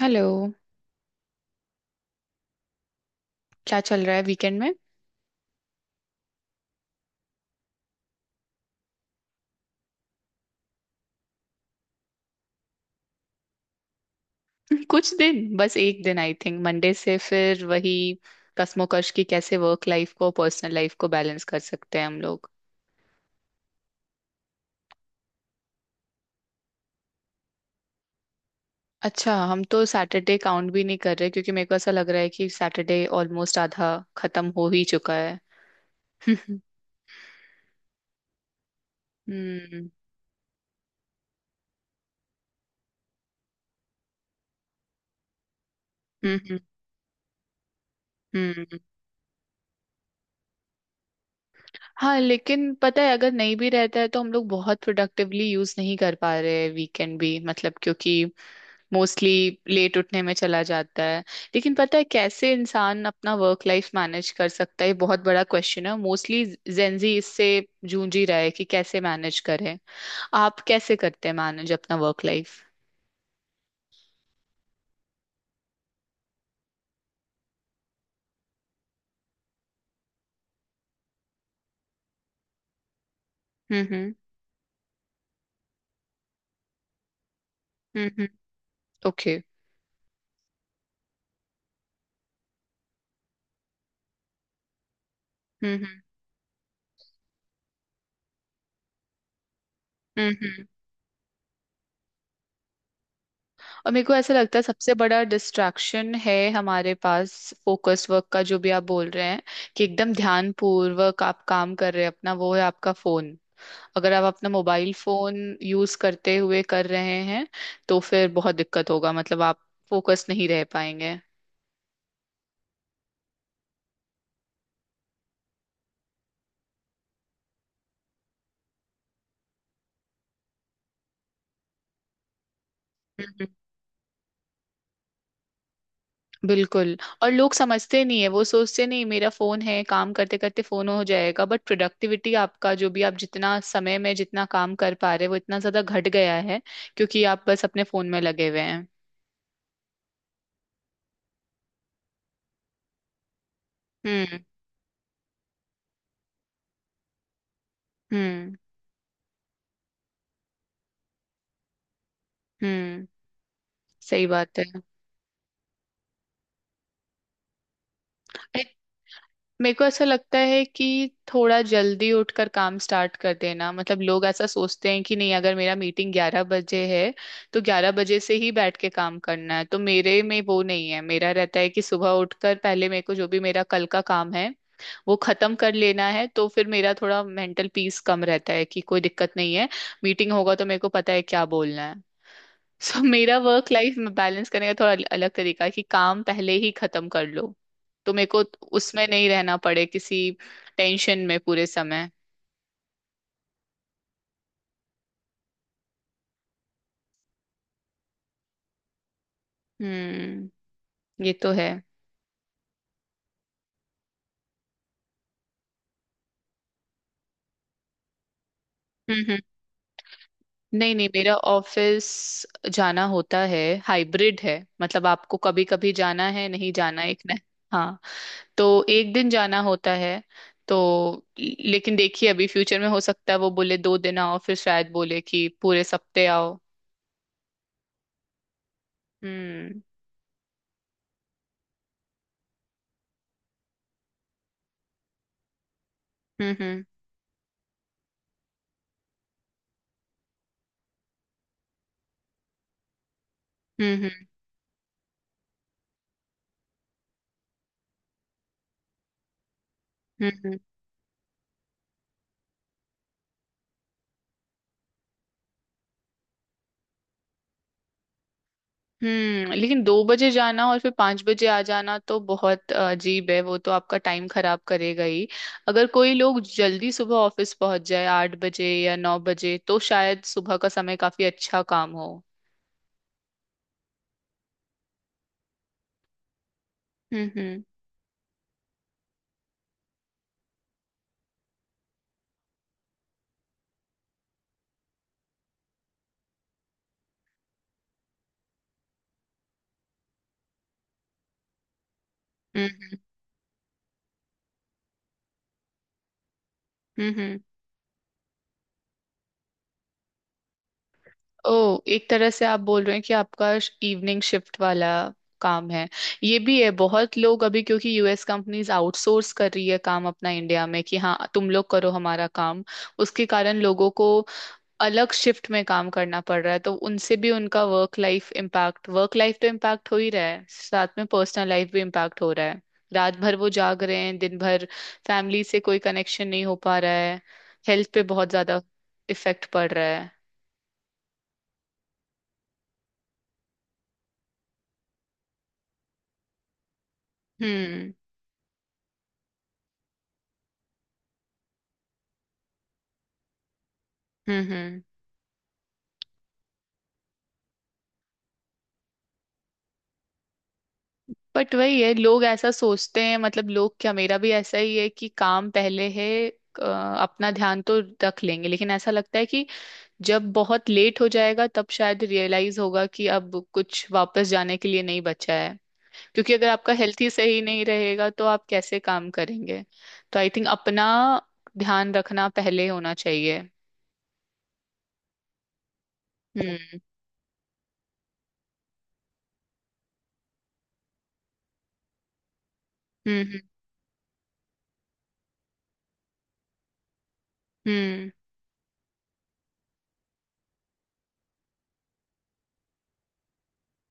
Hello. क्या चल रहा है वीकेंड में? कुछ दिन, बस एक दिन आई थिंक, मंडे से फिर वही कश्मोकश की कैसे वर्क लाइफ को, पर्सनल लाइफ को बैलेंस कर सकते हैं हम लोग। अच्छा, हम तो सैटरडे काउंट भी नहीं कर रहे, क्योंकि मेरे को ऐसा लग रहा है कि सैटरडे ऑलमोस्ट आधा खत्म हो ही चुका है। हम्म हम्म हम्म हम्म। हाँ, लेकिन पता है अगर नहीं भी रहता है तो हम लोग बहुत प्रोडक्टिवली यूज नहीं कर पा रहे हैं वीकेंड भी, मतलब क्योंकि मोस्टली लेट उठने में चला जाता है। लेकिन पता है, कैसे इंसान अपना वर्क लाइफ मैनेज कर सकता है, ये बहुत बड़ा क्वेश्चन है। मोस्टली जेंजी इससे जूझ ही रहा है कि कैसे मैनेज करें। आप कैसे करते हैं मैनेज अपना work life? Hmm hmm. Okay. Hmm, okay, हम्म। और मेरे को ऐसा लगता है, सबसे बड़ा डिस्ट्रैक्शन है हमारे पास, फोकस वर्क का जो भी आप बोल रहे हैं कि एकदम ध्यान पूर्वक आप काम कर रहे हैं अपना, वो है आपका फोन। अगर आप अपना मोबाइल फोन यूज करते हुए कर रहे हैं, तो फिर बहुत दिक्कत होगा, मतलब आप फोकस नहीं रह पाएंगे। बिल्कुल। और लोग समझते नहीं है, वो सोचते नहीं, मेरा फोन है, काम करते करते फोन हो जाएगा, बट प्रोडक्टिविटी आपका, जो भी आप जितना समय में जितना काम कर पा रहे हो, वो इतना ज्यादा घट गया है क्योंकि आप बस अपने फोन में लगे हुए हैं। हम्म हम्म हम्म। सही बात है। मेरे को ऐसा लगता है कि थोड़ा जल्दी उठकर काम स्टार्ट कर देना, मतलब लोग ऐसा सोचते हैं कि नहीं, अगर मेरा मीटिंग 11 बजे है तो 11 बजे से ही बैठ के काम करना है, तो मेरे में वो नहीं है। मेरा रहता है कि सुबह उठकर पहले मेरे को जो भी मेरा कल का काम है वो खत्म कर लेना है, तो फिर मेरा थोड़ा मेंटल पीस कम रहता है कि कोई दिक्कत नहीं है, मीटिंग होगा तो मेरे को पता है क्या बोलना है। सो मेरा वर्क लाइफ बैलेंस करने का थोड़ा अलग तरीका है कि काम पहले ही खत्म कर लो, तो मेरे को उसमें नहीं रहना पड़े किसी टेंशन में पूरे समय। हम्म। ये तो है। हम्म। नहीं नहीं मेरा ऑफिस जाना होता है। हाइब्रिड है, मतलब आपको कभी कभी जाना है, नहीं जाना, एक ना। हाँ, तो एक दिन जाना होता है, तो लेकिन देखिए, अभी फ्यूचर में हो सकता है वो बोले दो दिन आओ, फिर शायद बोले कि पूरे सप्ते आओ। हम्म हम्म हम्म हम्म हम्म। हम्म, लेकिन 2 बजे जाना और फिर 5 बजे आ जाना तो बहुत अजीब है, वो तो आपका टाइम खराब करेगा ही। अगर कोई लोग जल्दी सुबह ऑफिस पहुंच जाए 8 बजे या 9 बजे, तो शायद सुबह का समय काफी अच्छा काम हो। हम्म हम्म हम्म हम्म। ओ, एक तरह से आप बोल रहे हैं कि आपका इवनिंग शिफ्ट वाला काम है। ये भी है, बहुत लोग अभी, क्योंकि यूएस कंपनीज आउटसोर्स कर रही है काम अपना इंडिया में कि हाँ तुम लोग करो हमारा काम, उसके कारण लोगों को अलग शिफ्ट में काम करना पड़ रहा है। तो उनसे भी उनका work life impact, work life तो इम्पैक्ट हो ही रहा है, साथ में पर्सनल लाइफ भी इम्पैक्ट हो रहा है। रात भर वो जाग रहे हैं, दिन भर फैमिली से कोई कनेक्शन नहीं हो पा रहा है, हेल्थ पे बहुत ज्यादा इफेक्ट पड़ रहा है। Hmm hmm. बट वही है, लोग ऐसा सोचते हैं, मतलब लोग क्या मेरा भी ऐसा ही है कि काम पहले है, अपना ध्यान तो रख लेंगे, लेकिन ऐसा लगता है कि जब बहुत लेट हो जाएगा तब शायद रियलाइज होगा कि अब कुछ वापस जाने के लिए नहीं बचा है, क्योंकि अगर आपका हेल्थ ही सही नहीं रहेगा तो आप कैसे काम करेंगे। तो आई थिंक अपना ध्यान रखना पहले होना चाहिए। हम्म हम्म हम्म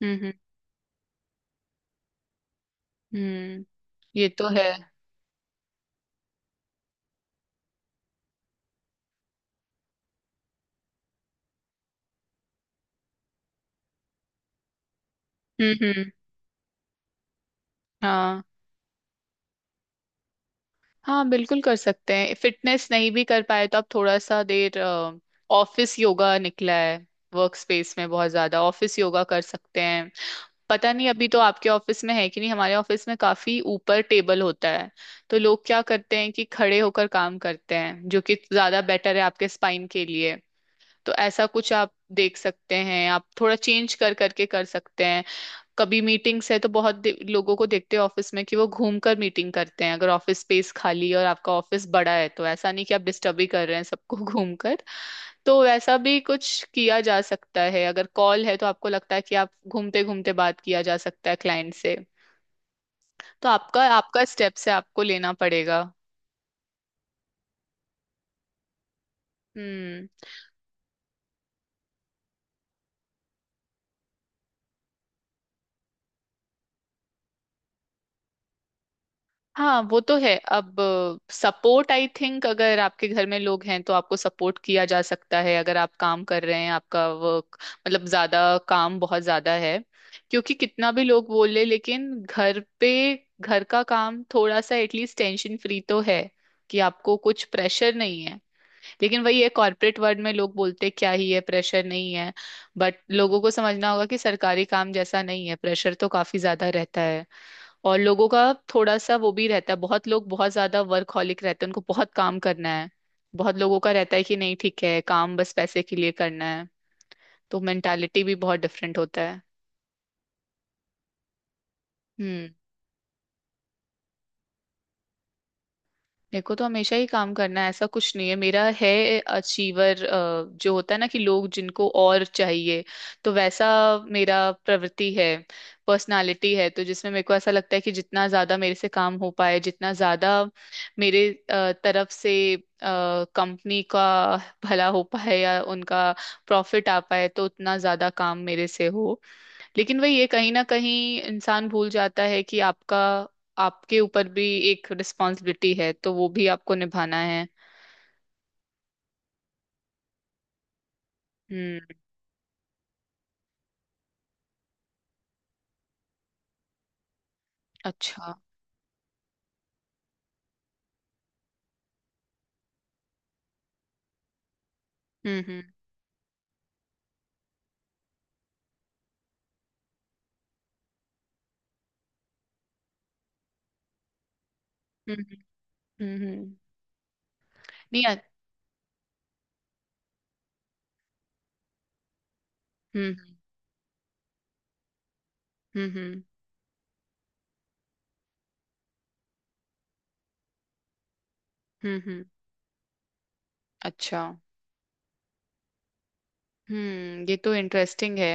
हम्म हम्म हम्म। ये तो है। हम्म। हाँ, हाँ, बिल्कुल कर सकते हैं। फिटनेस नहीं भी कर पाए तो आप थोड़ा सा देर, ऑफिस योगा निकला है, वर्क स्पेस में बहुत ज्यादा ऑफिस योगा कर सकते हैं। पता नहीं अभी तो आपके ऑफिस में है कि नहीं, हमारे ऑफिस में काफी ऊपर टेबल होता है, तो लोग क्या करते हैं कि खड़े होकर काम करते हैं, जो कि ज्यादा बेटर है आपके स्पाइन के लिए। तो ऐसा कुछ आप देख सकते हैं, आप थोड़ा चेंज कर करके कर सकते हैं। कभी मीटिंग्स है तो बहुत लोगों को देखते हैं ऑफिस में कि वो घूम कर मीटिंग करते हैं, अगर ऑफिस स्पेस खाली है और आपका ऑफिस बड़ा है तो ऐसा नहीं कि आप डिस्टर्ब ही कर रहे हैं सबको घूम कर, तो वैसा भी कुछ किया जा सकता है। अगर कॉल है तो आपको लगता है कि आप घूमते घूमते बात किया जा सकता है क्लाइंट से, तो आपका, आपका स्टेप से आपको लेना पड़ेगा। हम्म। हाँ, वो तो है। अब सपोर्ट आई थिंक, अगर आपके घर में लोग हैं तो आपको सपोर्ट किया जा सकता है, अगर आप काम कर रहे हैं, आपका वर्क, मतलब ज्यादा काम, बहुत ज्यादा है। क्योंकि कितना भी लोग बोले, लेकिन घर पे, घर का काम थोड़ा सा एटलीस्ट टेंशन फ्री तो है, कि आपको कुछ प्रेशर नहीं है। लेकिन वही है, कॉर्पोरेट वर्ल्ड में लोग बोलते क्या ही है, प्रेशर नहीं है, बट लोगों को समझना होगा कि सरकारी काम जैसा नहीं है, प्रेशर तो काफी ज्यादा रहता है। और लोगों का थोड़ा सा वो भी रहता है, बहुत लोग बहुत ज्यादा वर्कहॉलिक रहते हैं, उनको बहुत काम करना है। बहुत लोगों का रहता है कि नहीं ठीक है, काम बस पैसे के लिए करना है। तो मेंटालिटी भी बहुत डिफरेंट होता है। हम्म। मेरे को तो हमेशा ही काम करना है, ऐसा कुछ नहीं है। मेरा है अचीवर जो होता है ना, कि लोग जिनको और चाहिए, तो वैसा मेरा प्रवृत्ति है, पर्सनालिटी है। तो जिसमें मेरे को ऐसा लगता है कि जितना ज्यादा मेरे से काम हो पाए, जितना ज्यादा मेरे तरफ से कंपनी का भला हो पाए या उनका प्रॉफिट आ पाए तो उतना ज्यादा काम मेरे से हो। लेकिन वही, ये कहीं ना कहीं इंसान भूल जाता है कि आपका, आपके ऊपर भी एक रिस्पॉन्सिबिलिटी है, तो वो भी आपको निभाना है। हम्म। अच्छा। हम्म हम्म हम्म हम्म। नहीं अ- हम्म हम्म हम्म हम्म। अच्छा। हम्म, ये तो इंटरेस्टिंग है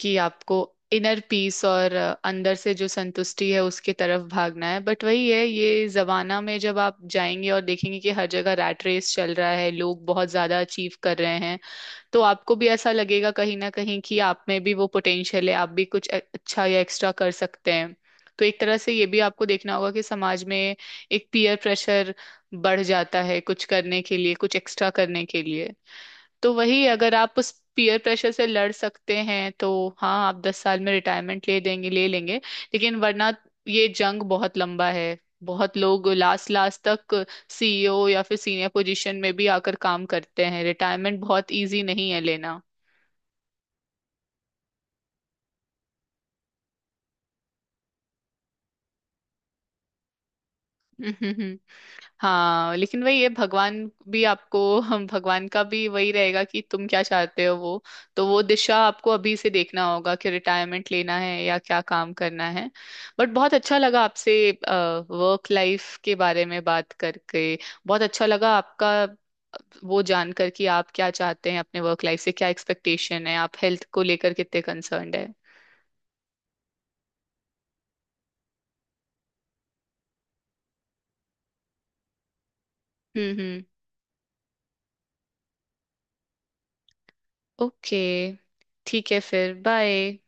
कि आपको इनर पीस और अंदर से जो संतुष्टि है उसके तरफ भागना है। बट वही है, ये जमाना में जब आप जाएंगे और देखेंगे कि हर जगह रैट रेस चल रहा है, लोग बहुत ज्यादा अचीव कर रहे हैं, तो आपको भी ऐसा लगेगा कहीं ना कहीं कि आप में भी वो पोटेंशियल है, आप भी कुछ अच्छा या एक्स्ट्रा कर सकते हैं। तो एक तरह से ये भी आपको देखना होगा कि समाज में एक पीयर प्रेशर बढ़ जाता है, कुछ करने के लिए, कुछ एक्स्ट्रा करने के लिए। तो वही, अगर आप उस पीयर प्रेशर से लड़ सकते हैं तो हाँ, आप 10 साल में रिटायरमेंट ले देंगे, ले लेंगे, लेकिन वरना ये जंग बहुत लंबा है। बहुत लोग लास्ट लास्ट तक सीईओ या फिर सीनियर पोजीशन में भी आकर काम करते हैं, रिटायरमेंट बहुत इजी नहीं है लेना। हाँ, लेकिन वही है, भगवान भी आपको, हम, भगवान का भी वही रहेगा कि तुम क्या चाहते हो वो, तो वो दिशा आपको अभी से देखना होगा कि रिटायरमेंट लेना है या क्या काम करना है। बट बहुत अच्छा लगा आपसे वर्क लाइफ के बारे में बात करके। बहुत अच्छा लगा आपका वो जानकर कि आप क्या चाहते हैं अपने वर्क लाइफ से, क्या एक्सपेक्टेशन है, आप हेल्थ को लेकर कितने कंसर्न्ड है। हम्म। ओके, ठीक है, फिर बाय।